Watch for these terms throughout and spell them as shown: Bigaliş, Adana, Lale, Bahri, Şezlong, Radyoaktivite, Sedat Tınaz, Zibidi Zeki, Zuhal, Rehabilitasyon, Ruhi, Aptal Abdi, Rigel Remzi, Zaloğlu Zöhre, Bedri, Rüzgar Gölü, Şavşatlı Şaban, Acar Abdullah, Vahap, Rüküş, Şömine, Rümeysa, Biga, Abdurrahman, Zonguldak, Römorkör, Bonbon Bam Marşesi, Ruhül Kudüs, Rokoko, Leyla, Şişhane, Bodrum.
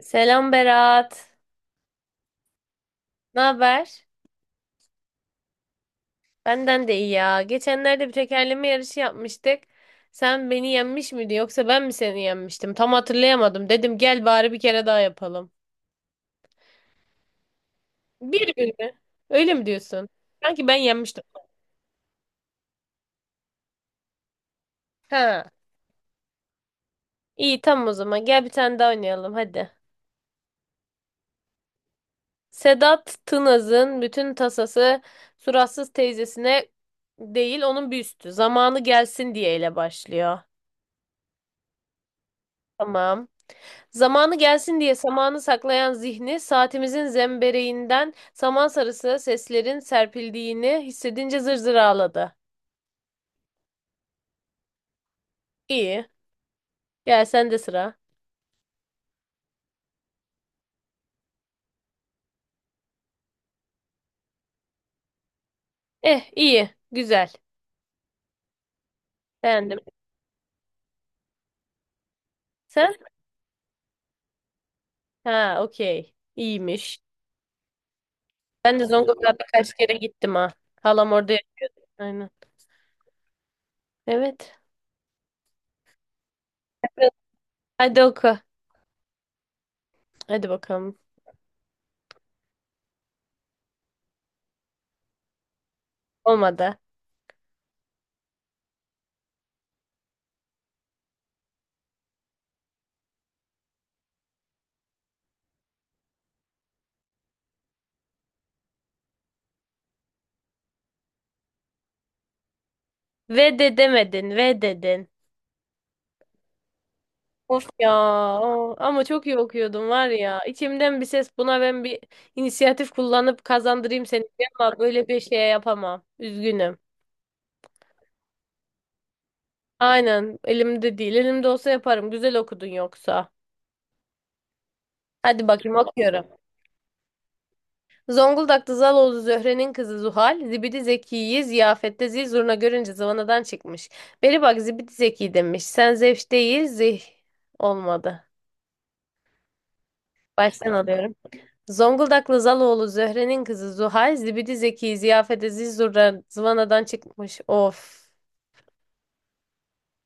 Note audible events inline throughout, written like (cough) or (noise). Selam Berat. Ne haber? Benden de iyi ya. Geçenlerde bir tekerleme yarışı yapmıştık. Sen beni yenmiş miydin yoksa ben mi seni yenmiştim? Tam hatırlayamadım. Dedim gel bari bir kere daha yapalım. Bir gün mü? Öyle mi diyorsun? Sanki ben yenmiştim. Ha. İyi, tamam o zaman. Gel bir tane daha oynayalım hadi. Sedat Tınaz'ın bütün tasası suratsız teyzesine değil, onun bir Zamanı gelsin diye ile başlıyor. Tamam. Zamanı gelsin diye samanı saklayan zihni, saatimizin zembereğinden saman sarısı seslerin serpildiğini hissedince zır zır ağladı. İyi. Gel sen de sıra. Eh, iyi. Güzel. Beğendim. Sen? Ha, okey. İyiymiş. Ben de Zonguldak'a kaç kere gittim ha. Halam yaşıyor. Aynen. Evet. Hadi oku. Hadi bakalım. Olmadı. Ve de demedin. Ve dedin. Of ya, ama çok iyi okuyordum var ya. İçimden bir ses, buna ben bir inisiyatif kullanıp kazandırayım seni diye, ama böyle bir şey yapamam. Üzgünüm. Aynen, elimde değil. Elimde olsa yaparım. Güzel okudun yoksa. Hadi bakayım okuyorum. Zonguldak'ta Zaloğlu Zöhre'nin kızı Zuhal, Zibidi Zeki'yi ziyafette zil zurna görünce zıvanadan çıkmış. Beri bak Zibidi Zeki demiş. Sen zevş değil, olmadı. Baştan alıyorum. Zonguldaklı Zaloğlu Zöhre'nin kızı Zuhal, Zibidi Zeki, Ziyafete Zizur'a zıvanadan çıkmış. Of.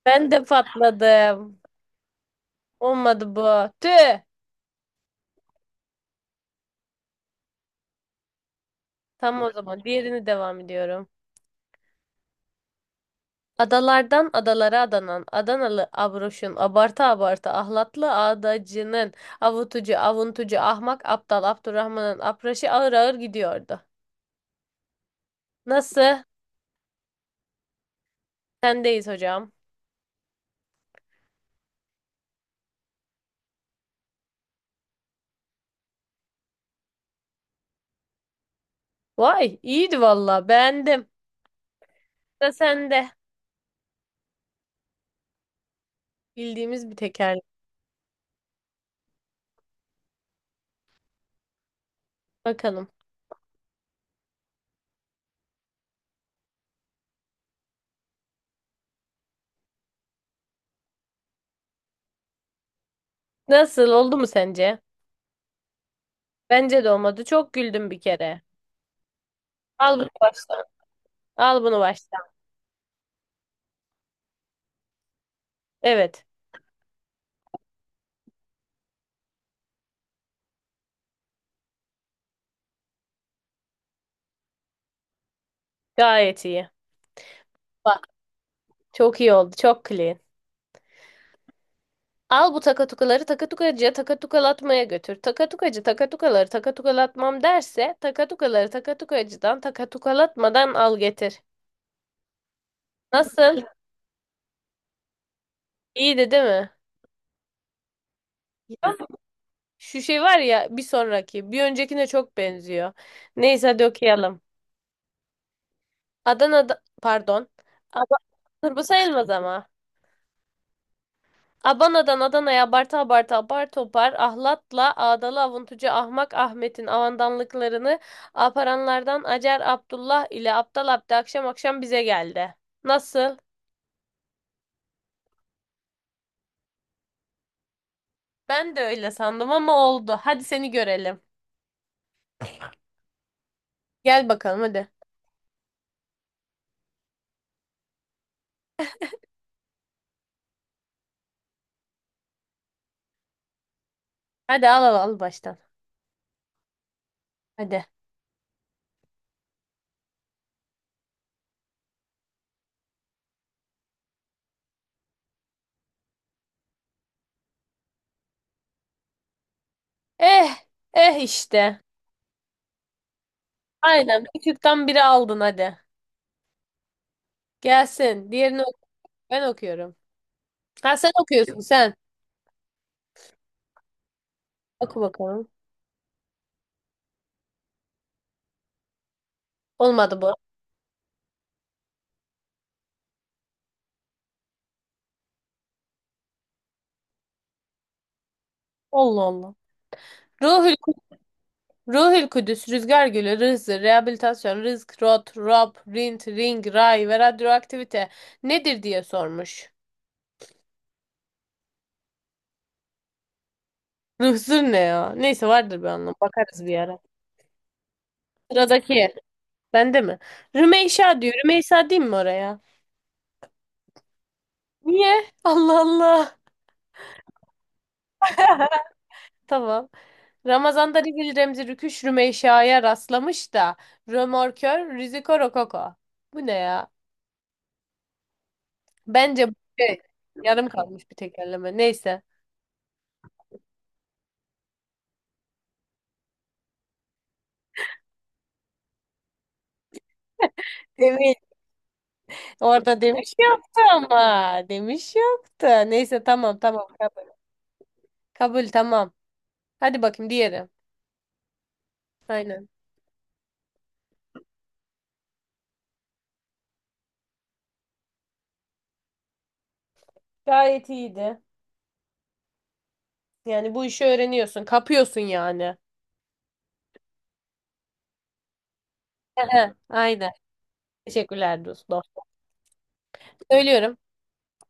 Ben de patladım. Olmadı bu. Tüh. Tamam, o zaman diğerini devam ediyorum. Adalardan adalara adanan Adanalı abroşun, abartı abartı ahlatlı adacının, avutucu, avuntucu, ahmak, aptal, Abdurrahman'ın apraşı ağır ağır gidiyordu. Nasıl? Sendeyiz hocam. Vay, iyiydi valla, beğendim. Da sende. Bildiğimiz bir tekerlek. Bakalım. Nasıl, oldu mu sence? Bence de olmadı. Çok güldüm bir kere. Al bunu baştan. Al bunu baştan. Evet. Gayet iyi. Bak, çok iyi oldu. Çok clean. Al bu takatukaları takatukacıya takatukalatmaya götür. Takatukacı takatukaları takatukalatmam derse takatukaları takatukacıdan takatukalatmadan al getir. Nasıl? İyiydi değil mi? Ya, şu şey var ya bir sonraki. Bir öncekine çok benziyor. Neyse hadi okuyalım. Adana'da, pardon. Ad- Dur, bu sayılmaz ama. Abana'dan Adana'ya abarta abarta apar topar ahlatla ağdalı avuntucu ahmak Ahmet'in avandanlıklarını aparanlardan Acar Abdullah ile Aptal Abdi akşam akşam bize geldi. Nasıl? Ben de öyle sandım ama oldu. Hadi seni görelim. Gel bakalım hadi. Hadi al al al baştan. Hadi. Eh, eh işte. Aynen, küçükten biri aldın hadi. Gelsin. Diğerini oku. Ben okuyorum. Ha, sen okuyorsun sen. Oku bakalım. Olmadı bu. Allah Allah. Ruhül Ruhül Kudüs, Rüzgar Gölü, Rızı, Rehabilitasyon, Rızk, Rot, Rob, Rint, Ring, Ray ve Radyoaktivite nedir diye sormuş. Rızır ne ya? Neyse, vardır bir anlamı. Bakarız bir ara. Sıradaki. Bende mi? Rümeysa diyor. Rümeysa diyeyim mi oraya? Niye? Allah Allah. (laughs) Tamam. Ramazan'da Rigel Remzi Rüküş Rümeysa'ya rastlamış da Römorkör Riziko Rokoko. Bu ne ya? Bence bu şey, yarım kalmış bir tekerleme. Neyse. Evet. Orada demiş yoktu ama. Demiş yoktu. Neyse, tamam tamam, kabul. Kabul, tamam. Hadi bakayım diğeri. Aynen. Gayet iyiydi. Yani bu işi öğreniyorsun. Kapıyorsun yani. Ehe, aynen. Teşekkürler dostum. Söylüyorum.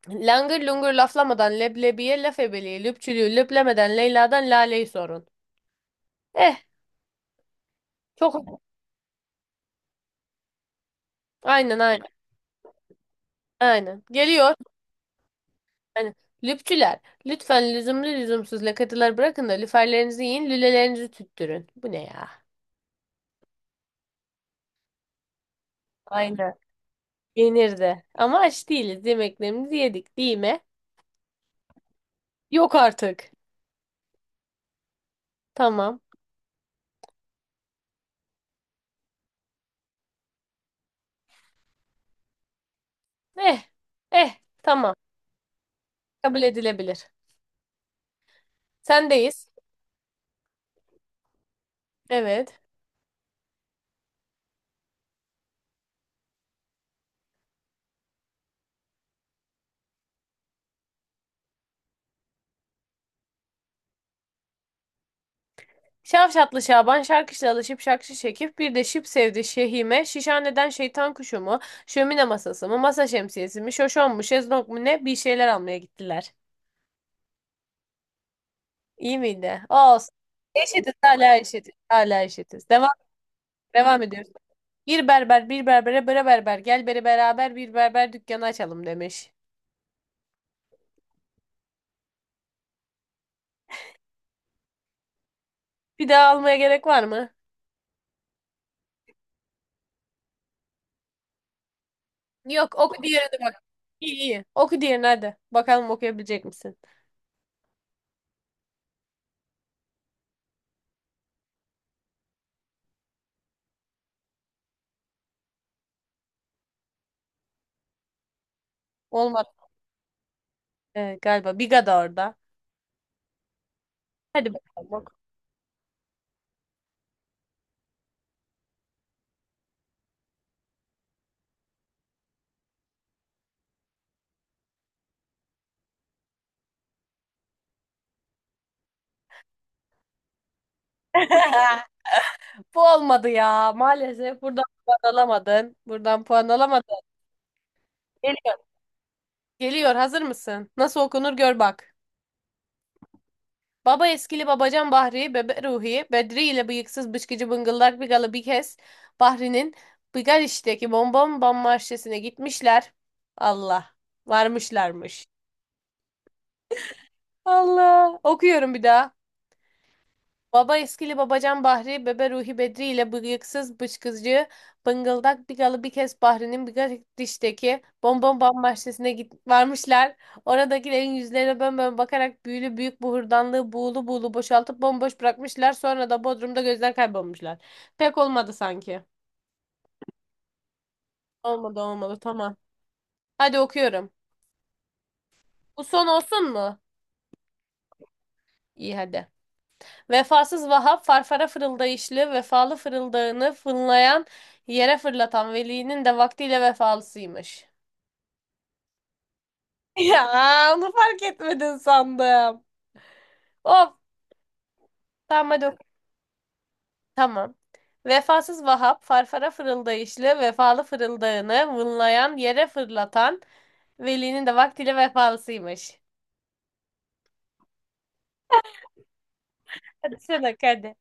Langır lungur laflamadan leblebiye, laf ebeliği, lüpçülüğü lüplemeden Leyla'dan Lale'yi sorun. Eh, çok aynen, aynen, aynen. Geliyor. Aynen. Lüpçüler, lütfen lüzumlu lüzumsuz lakatılar bırakın da lüferlerinizi yiyin, lülelerinizi tüttürün. Bu ne ya? Aynen. Yenirdi. Ama aç değiliz. Yemeklerimizi yedik değil mi? Yok artık. Tamam. Eh. Eh. Tamam. Kabul edilebilir. Sendeyiz. Evet. Şavşatlı Şaban şarkışla alışıp şakşı çekip bir de şıp sevdi şehime. Şişhaneden şeytan kuşu mu? Şömine masası mı? Masa şemsiyesi mi? Şoşon mu? Şezlong mu ne? Bir şeyler almaya gittiler. İyi miydi? Olsun. Eşitiz, hala eşitiz. Hala eşitiz. Devam, devam ediyoruz. Bir berber bir berbere bre berber gel beri beraber bir berber dükkanı açalım demiş. Bir daha almaya gerek var mı? Yok, oku diğerini bak. İyi iyi. Oku diğerini hadi. Bakalım okuyabilecek misin? Olmadı. Galiba. Biga da orada. Hadi bakalım oku. (laughs) Bu olmadı ya. Maalesef buradan puan alamadın. Buradan puan alamadın. Geliyor. Geliyor. Hazır mısın? Nasıl okunur gör bak. Baba eskili babacan Bahri, bebe Ruhi, Bedri ile bıyıksız bışkıcı bıngıllak bigalı bir kez Bahri'nin Bigaliş'teki Bonbon Bam Marşesi'ne gitmişler. Allah. Varmışlarmış. Allah. Okuyorum bir daha. Baba eskili babacan Bahri, bebe Ruhi Bedri ile bıyıksız bıçkızcı, bıngıldak Bigalı bir kez Bahri'nin bir dişteki bonbon bam bahçesine varmışlar. Oradakilerin yüzlerine bönbön bakarak büyülü büyük bu hurdanlığı buğulu buğulu boşaltıp bomboş bırakmışlar. Sonra da Bodrum'da gözler kaybolmuşlar. Pek olmadı sanki. Olmadı, olmadı, tamam. Hadi okuyorum. Bu son olsun mu? İyi, hadi. Vefasız Vahap farfara fırıldayışlı, vefalı fırıldağını fınlayan, yere fırlatan velinin de vaktiyle vefalısıymış. (laughs) Ya, onu fark etmedin sandım. Of, tamam hadi oku. Tamam. Vefasız Vahap farfara fırıldayışlı, vefalı fırıldağını vınlayan, yere fırlatan, velinin de vaktiyle vefalısıymış. Hadi sen hadi.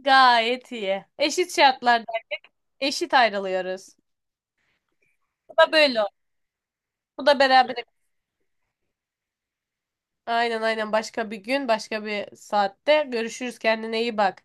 Gayet iyi. Eşit şartlarda eşit ayrılıyoruz. Bu da böyle oldu. Bu da beraber. Aynen, aynen, başka bir gün başka bir saatte görüşürüz, kendine iyi bak.